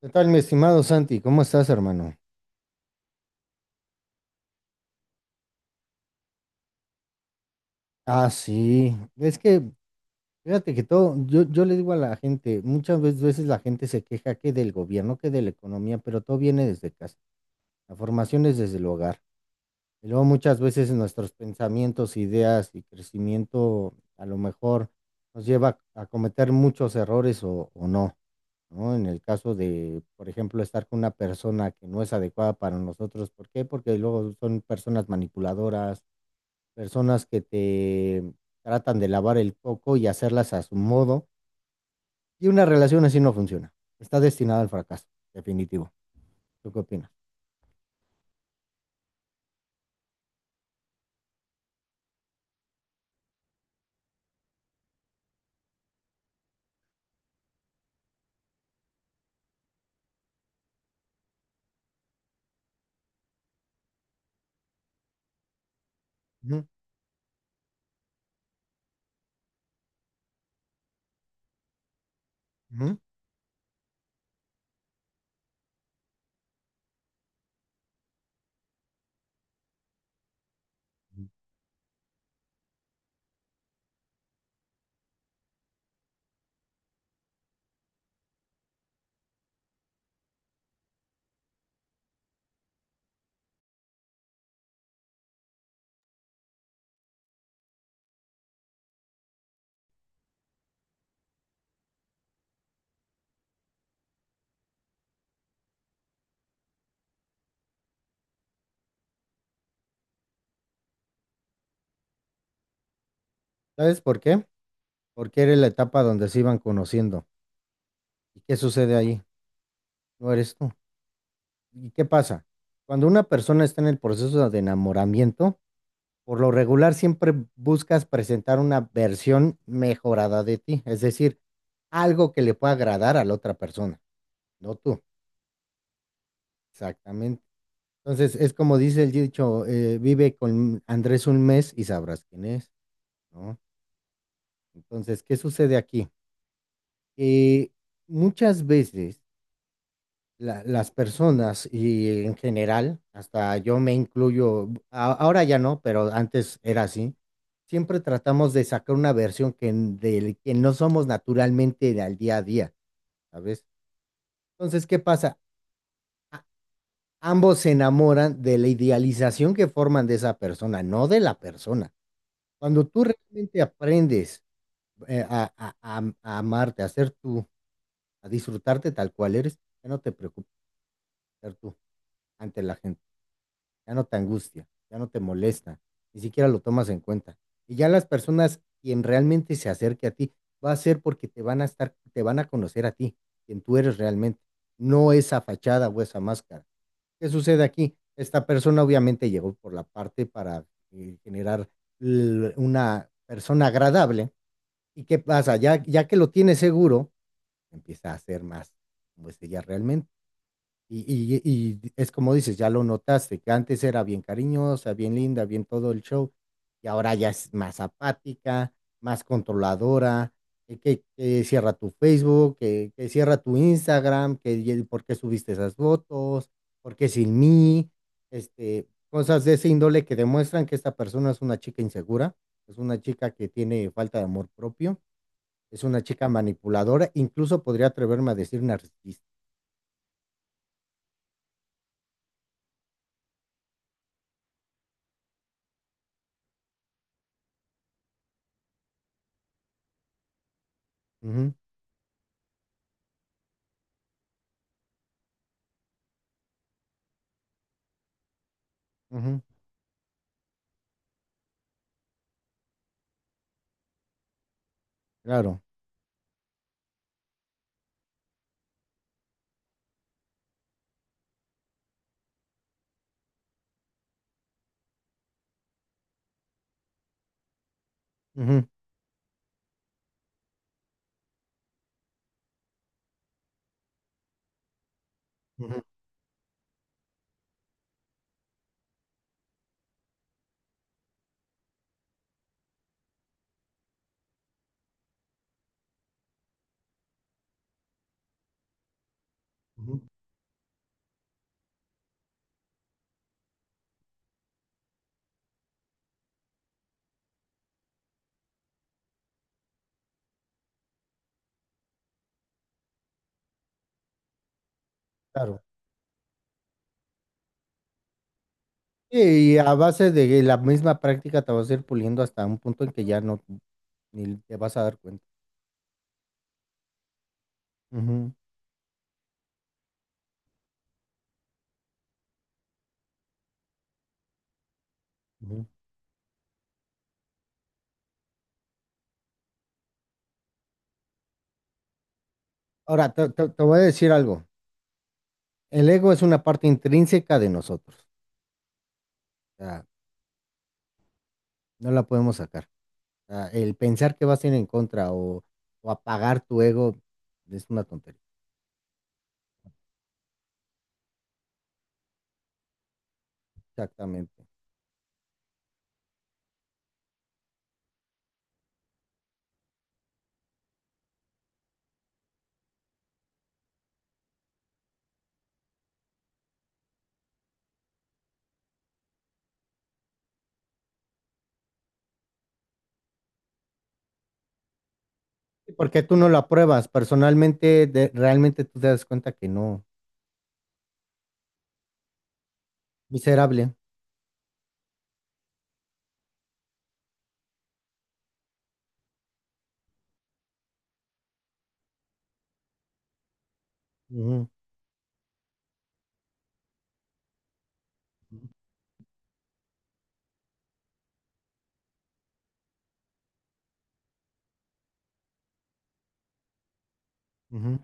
¿Qué tal, mi estimado Santi? ¿Cómo estás, hermano? Ah, sí. Fíjate que todo, yo le digo a la gente, muchas veces la gente se queja que del gobierno, que de la economía, pero todo viene desde casa. La formación es desde el hogar. Y luego muchas veces nuestros pensamientos, ideas y crecimiento a lo mejor nos lleva a cometer muchos errores o no, ¿no? En el caso de, por ejemplo, estar con una persona que no es adecuada para nosotros. ¿Por qué? Porque luego son personas manipuladoras, personas que te tratan de lavar el coco y hacerlas a su modo, y una relación así no funciona. Está destinada al fracaso, definitivo. ¿Tú qué opinas? Ujú, ujú. ¿Sabes por qué? Porque eres la etapa donde se iban conociendo. ¿Y qué sucede ahí? No eres tú. ¿Y qué pasa? Cuando una persona está en el proceso de enamoramiento, por lo regular siempre buscas presentar una versión mejorada de ti, es decir, algo que le pueda agradar a la otra persona, no tú. Exactamente. Entonces, es como dice el dicho, vive con Andrés un mes y sabrás quién es, ¿no? Entonces, ¿qué sucede aquí? Que muchas veces las personas y en general, hasta yo me incluyo, ahora ya no, pero antes era así, siempre tratamos de sacar una versión del que no somos naturalmente al día a día, ¿sabes? Entonces, ¿qué pasa? A- ambos se enamoran de la idealización que forman de esa persona, no de la persona. Cuando tú realmente aprendes a, a amarte, a ser tú, a disfrutarte tal cual eres, ya no te preocupas ser tú ante la gente, ya no te angustia, ya no te molesta, ni siquiera lo tomas en cuenta. Y ya las personas, quien realmente se acerque a ti, va a ser porque te van a estar, te van a conocer a ti, quien tú eres realmente, no esa fachada o esa máscara. ¿Qué sucede aquí? Esta persona obviamente llegó por la parte para generar una persona agradable. ¿Y qué pasa? Ya que lo tienes seguro, empieza a ser más como es ella realmente. Y, y es como dices, ya lo notaste, que antes era bien cariñosa, bien linda, bien todo el show, y ahora ya es más apática, más controladora, que cierra tu Facebook, que cierra tu Instagram, por qué subiste esas fotos, por qué sin mí, este, cosas de ese índole que demuestran que esta persona es una chica insegura, es una chica que tiene falta de amor propio, es una chica manipuladora, incluso podría atreverme a decir narcisista. Ujú, ujú, claro, ujú, ujú, ujú, claro. Sí. Y a base de la misma práctica te vas a ir puliendo hasta un punto en que ya no ni te vas a dar cuenta. Ujú, ujú. Ahora, te voy a decir algo. El ego es una parte intrínseca de nosotros. O sea, no la podemos sacar. O sea, el pensar que vas a ir en contra o apagar tu ego es una tontería. Exactamente. Porque tú no la pruebas personalmente, de- realmente tú te das cuenta que no. Miserable. Ujú, ujú.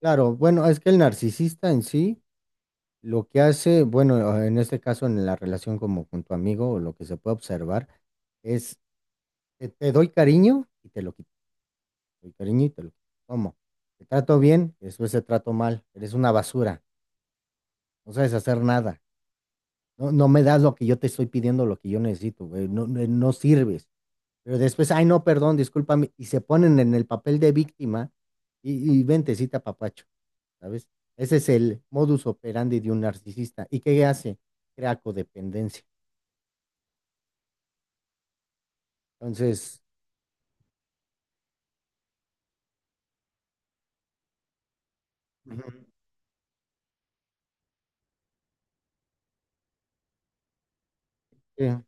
Claro, bueno, es que el narcisista en sí, lo que hace, bueno, en este caso en la relación como con tu amigo, o lo que se puede observar, es te doy cariño y te lo quito, te doy cariño y te lo quito. ¿Cómo? Te trato bien y después te trato mal. Eres una basura, no sabes hacer nada. No, no me das lo que yo te estoy pidiendo, lo que yo necesito, güey. No, no no sirves. Pero después, ay, no, perdón, discúlpame, y se ponen en el papel de víctima y ventecita papacho, ¿sabes? Ese es el modus operandi de un narcisista. ¿Y qué hace? Crea codependencia. Entonces, ujú, eh,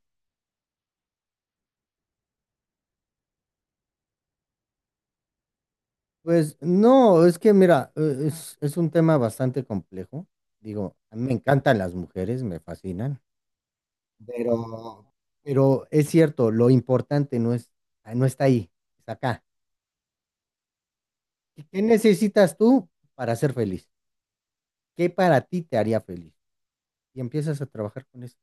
pues no, es que mira, es un tema bastante complejo. Digo, a mí me encantan las mujeres, me fascinan, pero, pero es cierto, lo importante no es, no está ahí, está acá. ¿Qué necesitas tú para ser feliz? ¿Qué para ti te haría feliz? Y empiezas a trabajar con eso.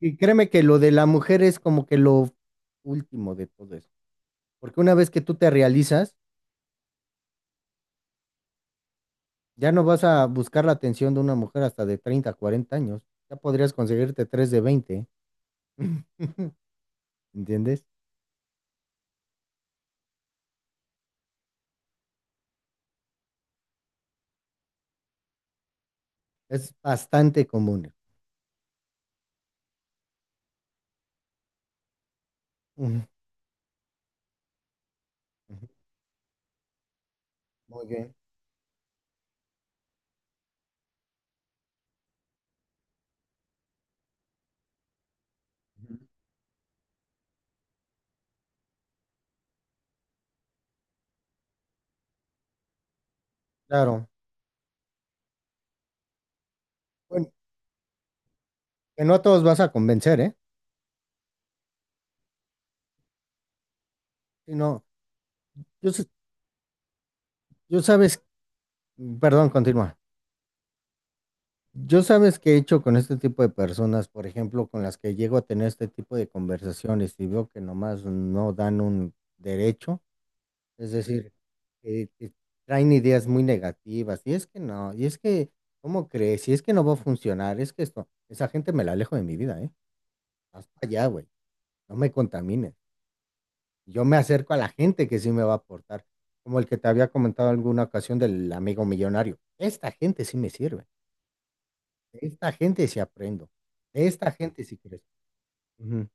Y créeme que lo de la mujer es como que lo último de todo eso. Porque una vez que tú te realizas, ya no vas a buscar la atención de una mujer hasta de 30 40 años. Ya podrías conseguirte tres de 20. ¿Entiendes? Es bastante común. Ujú, ujú. Muy bien. Ujú. Claro. Bueno, que no a todos vas a convencer, ¿eh? Si no, yo, s- yo sabes, perdón, continúa. Yo sabes qué he hecho con este tipo de personas, por ejemplo, con las que llego a tener este tipo de conversaciones y veo que nomás no dan un derecho, es decir, que traen ideas muy negativas, y es que no, y es que, ¿cómo crees? Y es que no va a funcionar, es que esto, esa gente me la alejo de mi vida, ¿eh? Hasta allá, güey, no me contamines. Yo me acerco a la gente que sí me va a aportar, como el que te había comentado alguna ocasión del amigo millonario. Esta gente sí me sirve. De esta gente sí aprendo. De esta gente sí crezco. Ujú.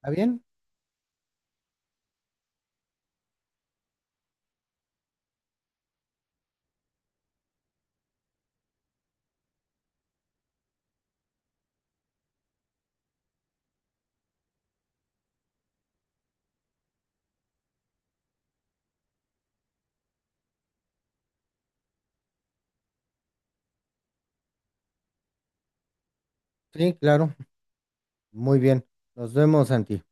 ¿Está bien? Sí, claro. Muy bien. Nos vemos, Santi.